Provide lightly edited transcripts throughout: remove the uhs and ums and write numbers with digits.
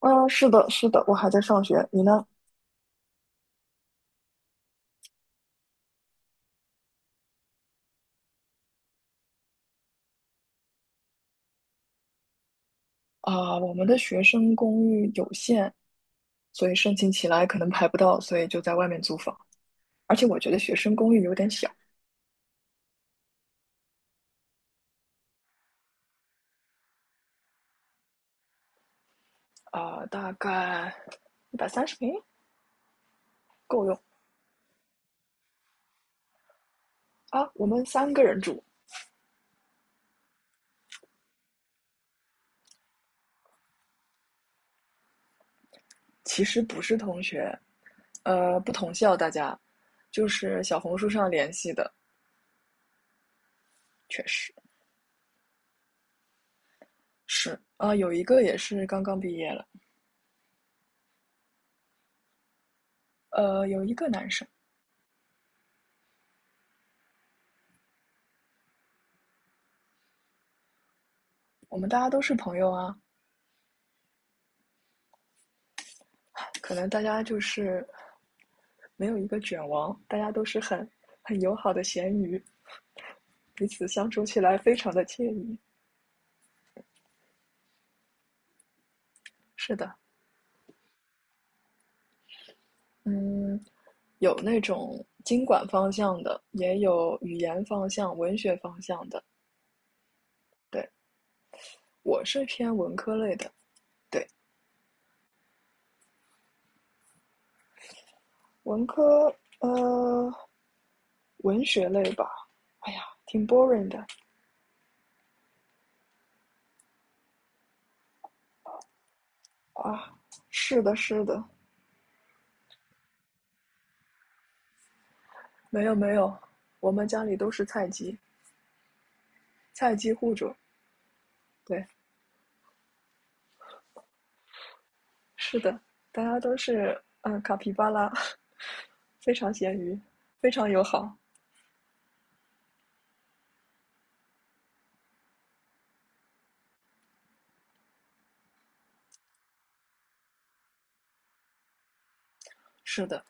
嗯，是的，是的，我还在上学，你呢？啊，我们的学生公寓有限，所以申请起来可能排不到，所以就在外面租房。而且我觉得学生公寓有点小啊，大概130平够用啊。我们三个人住，其实不是同学，不同校，大家就是小红书上联系的，确实是啊，有一个也是刚刚毕业了，有一个男生，我们大家都是朋友啊，可能大家就是没有一个卷王，大家都是很友好的咸鱼，彼此相处起来非常的惬意。是的，嗯，有那种经管方向的，也有语言方向、文学方向的。对，我是偏文科类的。对，文科，呃，文学类吧。哎呀，挺 boring 的啊。是的，是的，没有没有，我们家里都是菜鸡，菜鸡户主。对，是的，大家都是嗯，卡皮巴拉，非常咸鱼，非常友好。是的，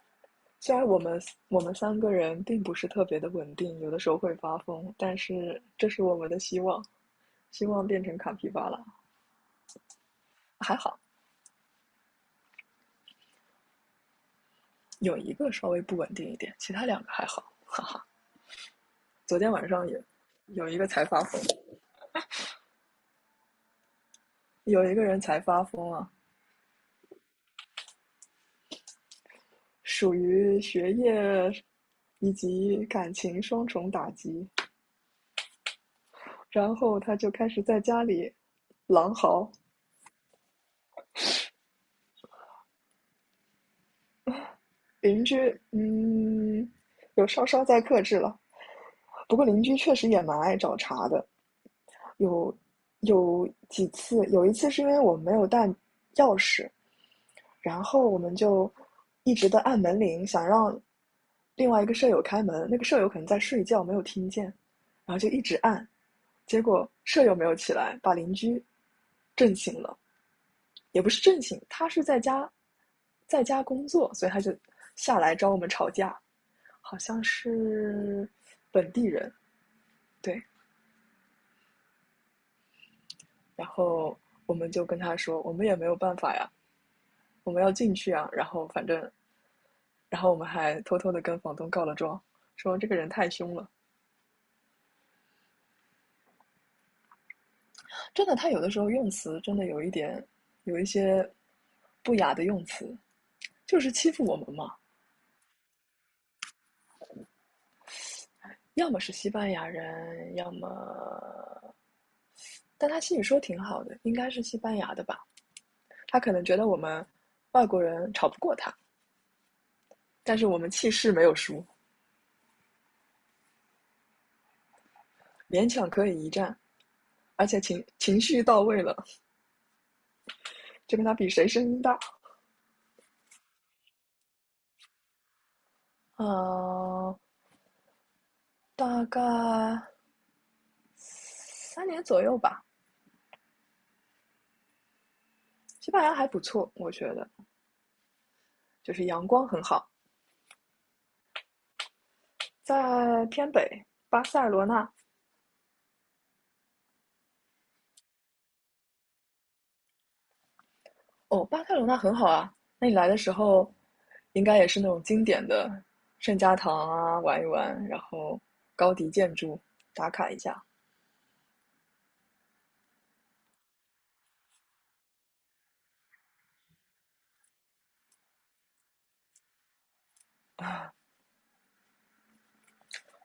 虽然我们三个人并不是特别的稳定，有的时候会发疯，但是这是我们的希望，希望变成卡皮巴拉。还好有一个稍微不稳定一点，其他两个还好，哈哈。昨天晚上也有一个才发疯，有一个人才发疯啊，属于学业以及感情双重打击。然后他就开始在家里狼嚎，邻居嗯有稍稍在克制了，不过邻居确实也蛮爱找茬的，有有几次，有一次是因为我们没有带钥匙，然后我们就一直的按门铃，想让另外一个舍友开门，那个舍友可能在睡觉没有听见，然后就一直按，结果舍友没有起来，把邻居震醒了。也不是正经，他是在家工作，所以他就下来找我们吵架，好像是本地人，对，然后我们就跟他说，我们也没有办法呀，我们要进去啊，然后反正，然后我们还偷偷的跟房东告了状，说这个人太凶了，真的，他有的时候用词真的有一点有一些不雅的用词，就是欺负我们嘛，要么是西班牙人，要么。但他西语说挺好的，应该是西班牙的吧？他可能觉得我们外国人吵不过他，但是我们气势没有输，勉强可以一战，而且情绪到位了，就跟他比谁声音大。呃，大概3年左右吧。西班牙还不错，我觉得就是阳光很好，在偏北巴塞罗那哦，巴塞罗那很好啊。那你来的时候，应该也是那种经典的圣家堂啊，玩一玩，然后高迪建筑打卡一下。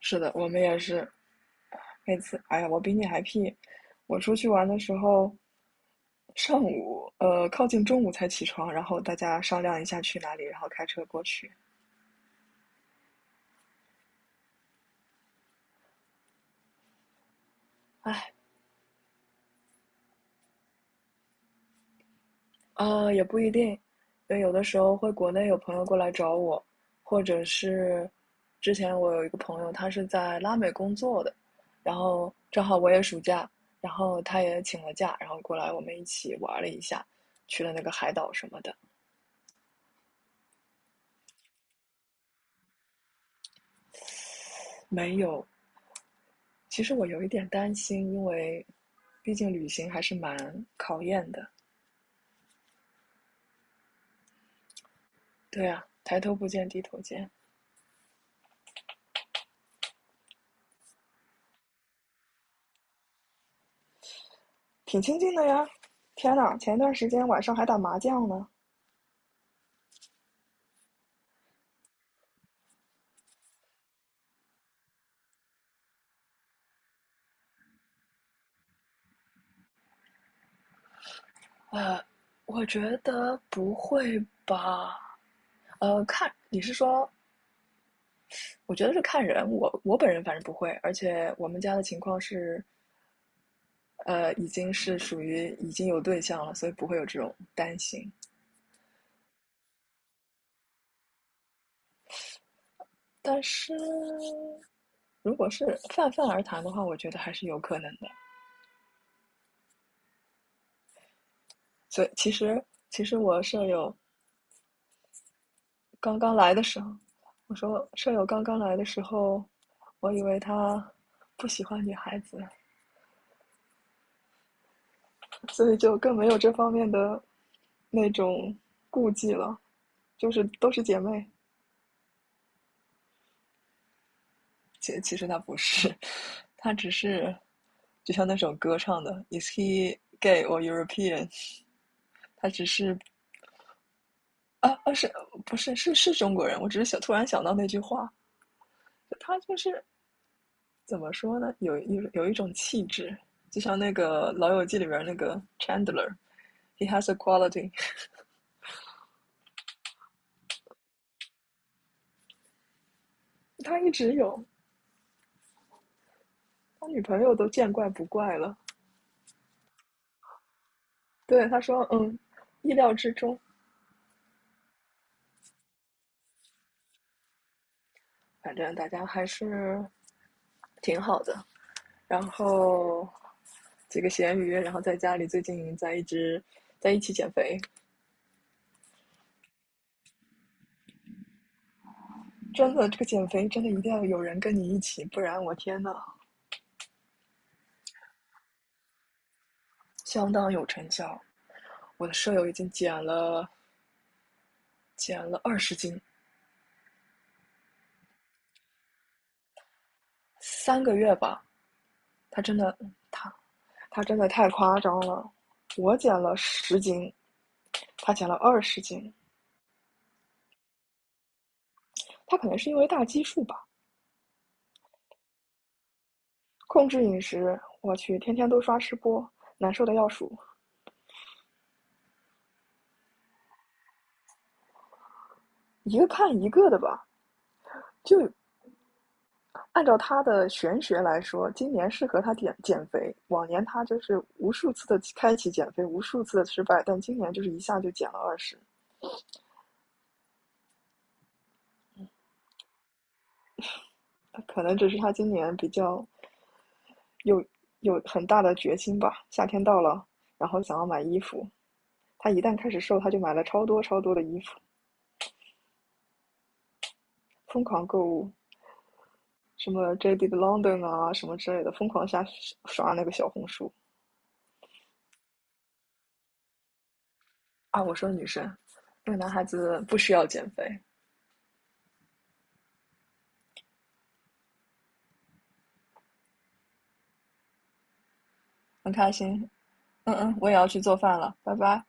是的，我们也是那次。哎呀，我比你还屁！我出去玩的时候，上午靠近中午才起床，然后大家商量一下去哪里，然后开车过去。哎，啊，也不一定，因为有的时候会国内有朋友过来找我，或者是之前我有一个朋友，他是在拉美工作的，然后正好我也暑假，然后他也请了假，然后过来我们一起玩了一下，去了那个海岛什么的。没有，其实我有一点担心，因为毕竟旅行还是蛮考验的。对啊，抬头不见低头见，挺亲近的呀。天呐，前一段时间晚上还打麻将呢。呃，我觉得不会吧？看你是说，我觉得是看人，我本人反正不会，而且我们家的情况是，已经是属于已经有对象了，所以不会有这种担心。但是如果是泛泛而谈的话，我觉得还是有可能的。所以其实我舍友刚刚来的时候，我说舍友刚刚来的时候，我以为他不喜欢女孩子，所以就更没有这方面的那种顾忌了，就是都是姐妹。其实她不是，她只是就像那首歌唱的，Is he gay or European？他只是是不是是中国人？我只是想突然想到那句话，他就是怎么说呢？有一种气质，就像那个《老友记》里边那个 Chandler，he has a quality，他一直有，他女朋友都见怪不怪了。对，他说，嗯，意料之中，反正大家还是挺好的。然后几个咸鱼，然后在家里最近在一直在一起减肥，真的，这个减肥真的一定要有人跟你一起，不然我天呐，相当有成效。我的舍友已经减了二十斤，3个月吧，他真的他他真的太夸张了。我减了十斤，他减了二十斤，他可能是因为大基数吧。控制饮食，我去，天天都刷吃播，难受的要数，一个看一个的吧。就按照他的玄学来说，今年适合他减减肥。往年他就是无数次的开启减肥，无数次的失败，但今年就是一下就减了二十。可能只是他今年比较有有很大的决心吧。夏天到了，然后想要买衣服，他一旦开始瘦，他就买了超多超多的衣服，疯狂购物。什么 JD 的 London 啊，什么之类的，疯狂下刷那个小红书啊。我说女生，那个男孩子不需要减肥，很开心。嗯嗯，我也要去做饭了，拜拜。